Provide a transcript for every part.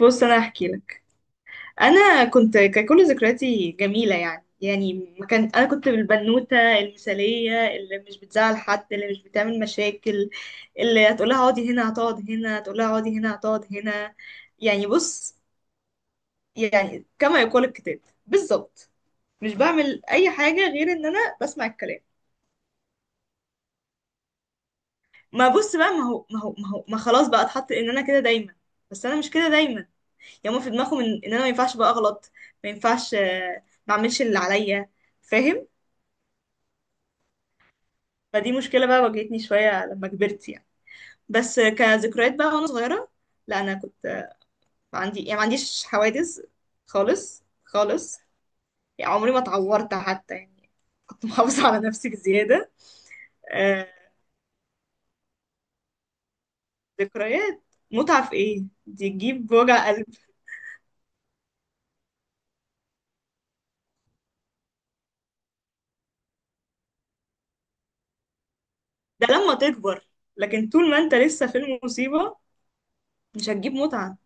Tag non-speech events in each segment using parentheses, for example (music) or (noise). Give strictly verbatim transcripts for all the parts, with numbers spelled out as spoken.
بص، انا هحكي لك. انا كنت كان كل ذكرياتي جميله، يعني يعني ما كان انا كنت البنوته المثاليه، اللي مش بتزعل حد، اللي مش بتعمل مشاكل، اللي هتقولها اقعدي هنا هتقعد هنا، هتقولها اقعدي هنا هتقعد هنا. يعني بص، يعني كما يقول الكتاب بالظبط. مش بعمل اي حاجه غير ان انا بسمع الكلام. ما بص بقى، ما هو ما هو ما هو ما خلاص بقى اتحط ان انا كده دايما، بس انا مش كده دايما. يعني هما في دماغهم ان إن انا ما ينفعش بقى اغلط، ما ينفعش، آه، ما اعملش اللي عليا، فاهم؟ فدي مشكله بقى واجهتني شويه لما كبرت يعني. بس آه، كذكريات بقى وانا صغيره، لا انا كنت، آه، عندي يعني ما عنديش حوادث خالص خالص. يعني عمري ما اتعورت حتى يعني، كنت (laughs) محافظه على نفسي بزياده. آه، ذكريات؟ متعه في ايه دي؟ تجيب وجع قلب. ده لما تكبر، لكن طول ما انت لسه في المصيبه مش هتجيب متعه.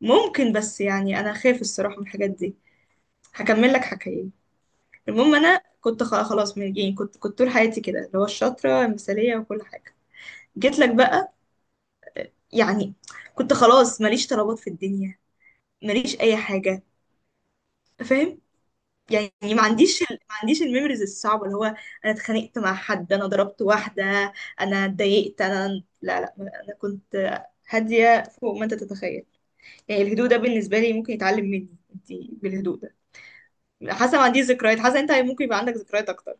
ممكن، بس يعني انا خايف الصراحه من الحاجات دي. هكمل لك حكايه. المهم انا كنت خ- خلاص من يعني كنت كنت طول حياتي كده اللي هو الشاطره المثاليه وكل حاجه. جيت لك بقى يعني، كنت خلاص ماليش طلبات في الدنيا، ماليش اي حاجه، فاهم؟ يعني ما عنديش ال- ما عنديش الميموريز الصعبه، اللي هو انا اتخانقت مع حد، انا ضربت واحده، انا اتضايقت، انا لا لا. انا كنت هاديه فوق ما انت تتخيل. يعني الهدوء ده بالنسبه لي ممكن يتعلم مني انت، بالهدوء ده. حاسه ما عنديش ذكريات، حاسه انت ممكن يبقى عندك ذكريات اكتر.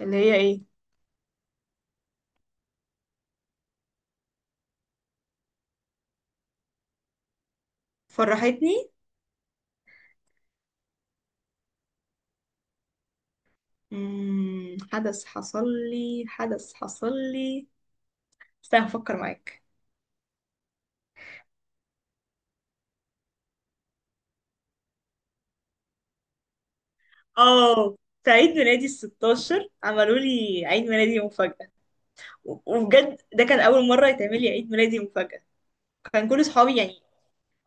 اللي هي ايه؟ فرحتني؟ مم... حدث حصل لي، حدث حصل لي. استنى هفكر معاك. اه، في عيد ميلادي الستاشر عملوا لي عيد ميلادي مفاجأة. و- وبجد ده كان أول مرة يتعمل لي عيد ميلادي مفاجأة. كان كل صحابي يعني،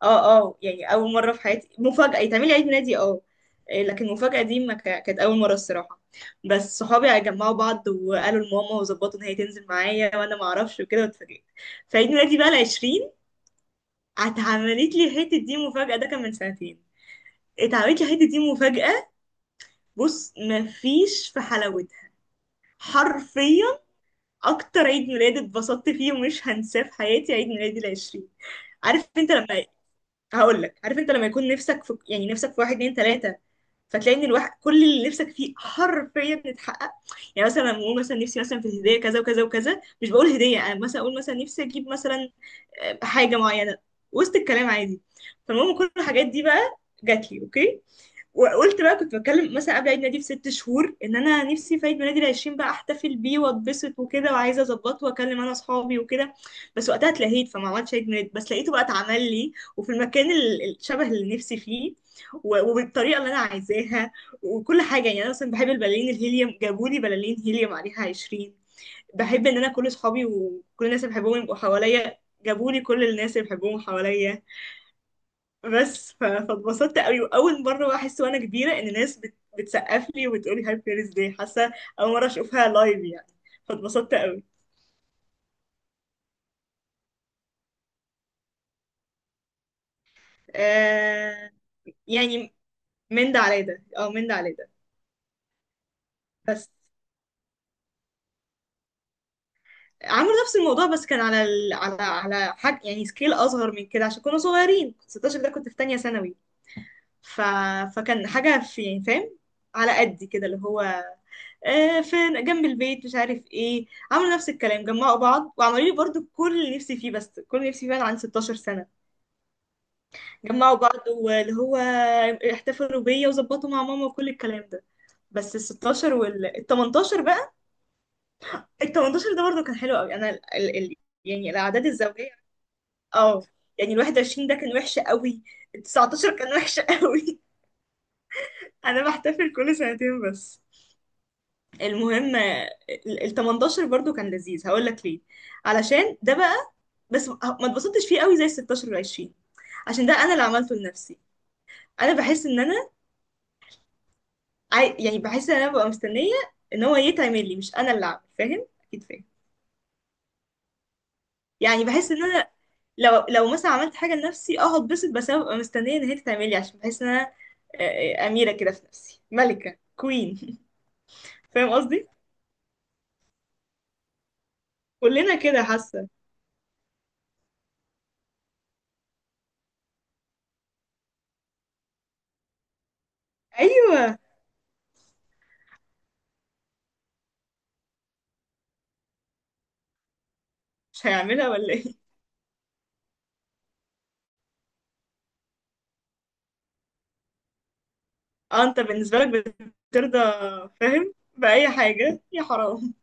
اه اه، يعني اول مره في حياتي مفاجاه يتعملي عيد ميلادي، اه. إيه، لكن المفاجاه دي ما كا- كانت اول مره الصراحه. بس صحابي جمعوا بعض وقالوا لماما وظبطوا ان هي تنزل معايا وانا ما اعرفش وكده واتفاجئت. في عيد ميلادي بقى العشرين اتعملت لي حته دي مفاجاه، ده كان من سنتين. اتعملت لي حته دي مفاجاه. بص، ما فيش في حلاوتها حرفيا. اكتر عيد ميلاد اتبسطت فيه ومش هنساه في حياتي، عيد ميلادي العشرين. عارف انت لما هقول لك، عارف انت لما يكون نفسك في، يعني نفسك في واحد اتنين تلاته، فتلاقي ان الواحد كل اللي نفسك فيه حرفيا اتحقق. يعني مثلا لما اقول مثلا نفسي مثلا في هديه كذا وكذا وكذا، مش بقول هديه، انا مثلا اقول مثلا نفسي اجيب مثلا آه، حاجه معينه وسط الكلام عادي. فالمهم كل الحاجات دي بقى جات لي، اوكي؟ وقلت بقى، كنت بتكلم مثلا قبل عيد ميلادي بست شهور ان انا نفسي في عيد ميلادي العشرين بقى احتفل بيه واتبسط وكده، وعايزه اظبطه واكلم انا اصحابي وكده، بس وقتها اتلهيت فما عملتش عيد ميلاد. بس لقيته بقى اتعمل لي، وفي المكان ال- الشبه اللي نفسي فيه، و- وبالطريقه اللي انا عايزاها وكل حاجه. يعني انا مثلا بحب البلالين الهيليوم، جابوا لي بلالين هيليوم عليها عشرين. بحب ان انا كل اصحابي وكل الناس اللي بحبهم يبقوا حواليا، جابوا لي كل الناس اللي بحبهم حواليا. بس ف- فاتبسطت قوي. واول مره بقى احس وانا كبيره ان ناس بت... بتسقف لي وبتقول لي هابي بيرث داي، حاسه اول مره اشوفها لايف يعني. فاتبسطت قوي. آه... يعني من ده على ده، اه من ده على ده. بس عملوا نفس الموضوع، بس كان على ال... على على حاجه يعني سكيل اصغر من كده عشان كنا صغيرين. ستاشر ده كنت في تانية ثانوي. ف... فكان حاجه في، يعني فاهم، على قدي كده اللي هو آه، فين جنب البيت مش عارف ايه. عملوا نفس الكلام، جمعوا بعض وعملوا لي برضو كل اللي نفسي فيه، بس كل اللي نفسي فيه انا عن 16 سنة. جمعوا بعض، واللي هو احتفلوا بيا وظبطوا مع ماما وكل الكلام ده. بس ال ستاشر وال ال تمنتاشر بقى، ال تمانية عشر ده برضو كان حلو قوي. انا ال... ال... ال... يعني الاعداد الزوجية. اه، يعني ال واحد وعشرين ده كان وحش قوي، ال تسعتاشر كان وحش قوي. (laughs) انا بحتفل كل سنتين بس. المهم ال ال تمنتاشر برضو كان لذيذ، هقول لك ليه. علشان ده بقى، بس ما ما اتبسطتش فيه قوي زي ال ستاشر وال عشرين عشان ده انا اللي عملته لنفسي. انا بحس ان انا عاي... يعني بحس ان انا ببقى مستنيه ان هو يتعمل لي، مش انا اللي اعمل. فاهم؟ اكيد فاهم. يعني بحس ان انا لو لو مثلا عملت حاجه لنفسي اه هتبسط، بس انا ببقى مستنيه ان هي تتعمل لي، عشان بحس ان انا آه، آه، اميره كده في نفسي، ملكه كوين. (laughs) فاهم قصدي؟ كلنا كده حاسه. ايوه، مش هيعملها ولا ايه؟ اه انت بالنسبة لك بترضى فاهم بأي حاجة، يا حرام.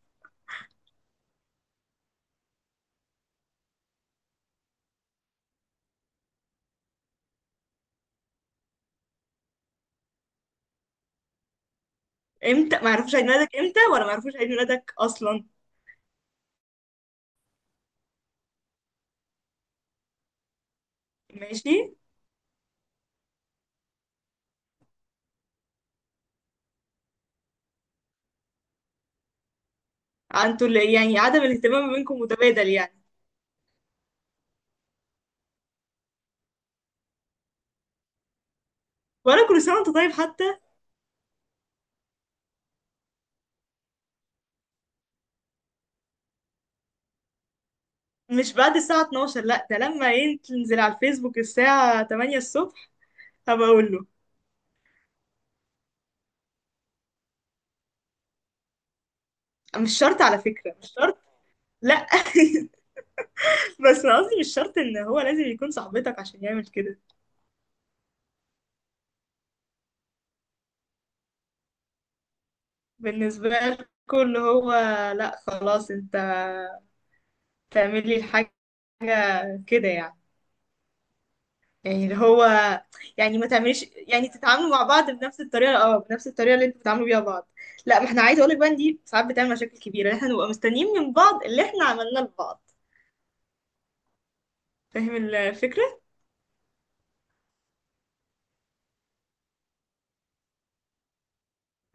امتى ما عرفوش عيد ميلادك؟ امتى ولا ما عرفوش عيد ميلادك اصلا؟ ماشي. انتوا اللي يعني عدم الاهتمام ما بينكم متبادل يعني. ولا كل سنة وانت طيب حتى؟ مش بعد الساعة اتناشر، لا، ده لما ايه تنزل على الفيسبوك الساعة تمنية الصبح هبقى اقول له. مش شرط على فكرة، مش شرط. لا. (laughs) بس انا قصدي مش شرط ان هو لازم يكون صاحبتك عشان يعمل كده. بالنسبة لكم اللي هو، لا خلاص، انت تعملي الحاجة كده يعني. يعني اللي هو يعني ما تعمليش يعني، تتعاملوا مع بعض بنفس الطريقه، اه، بنفس الطريقه اللي انتوا بتتعاملوا بيها بعض. لا، ما احنا عايزه اقول لك بقى إن دي ساعات بتعمل مشاكل كبيره، احنا نبقى مستنيين من بعض اللي احنا عملناه لبعض. فاهم الفكره؟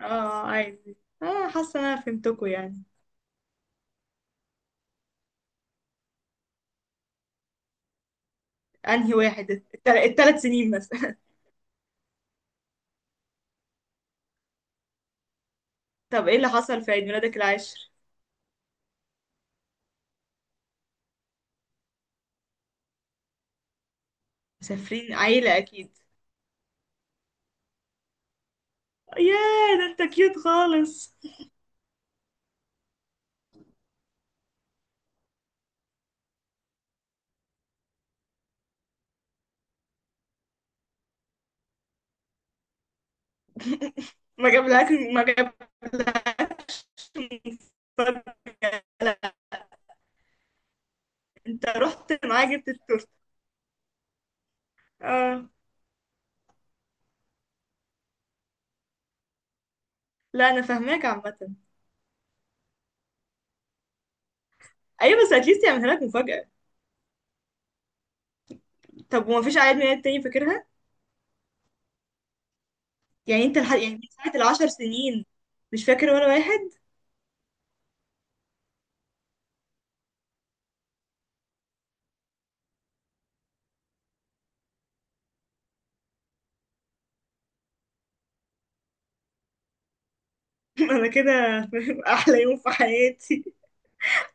اه عادي. اه حاسه إن انا فهمتكوا يعني. انهي واحد؟ التل... التلات سنين مثلا؟ (laughs) طب ايه اللي حصل في عيد ميلادك العاشر؟ مسافرين عيله اكيد. ياه، ده انت كيوت خالص. ما جابلك ما جابلكش مفاجأة. انت رحت معاه جبت التورته؟ اه. لا انا فاهماك عامه. ايوه بس اتليست يعملها لك مفاجاه. طب وما فيش عيد ميلاد تاني فاكرها؟ يعني انت لحد يعني من ساعه العشر سنين مش فاكر ولا واحد؟ (laughs) انا كده فاهم، احلى يوم في حياتي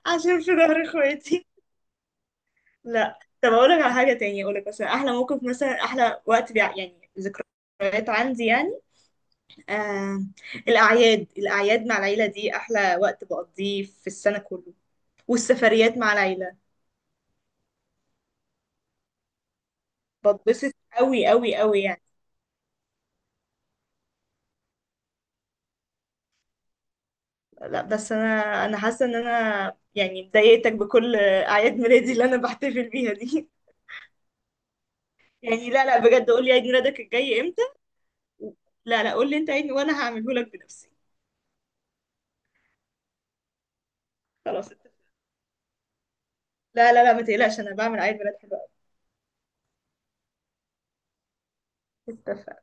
عشان في ظهر اخواتي. لا، طب اقول لك على حاجه تانية؟ اقول لك مثلا احلى موقف، مثلا احلى وقت، بيع يعني ذكريات عندي يعني. آه. الاعياد، الاعياد مع العيله دي احلى وقت بقضيه في السنه كله، والسفريات مع العيله. بتبسط قوي قوي قوي يعني. لا بس انا، انا حاسه ان انا يعني مضايقتك بكل اعياد ميلادي اللي انا بحتفل بيها دي. (laughs) يعني لا لا بجد، قول لي عيد ميلادك الجاي امتى. لا لا، قول لي انت عيد وانا هعمله لك بنفسي. خلاص. لا لا لا ما تقلقش، انا بعمل عيد ميلاد حلو قوي.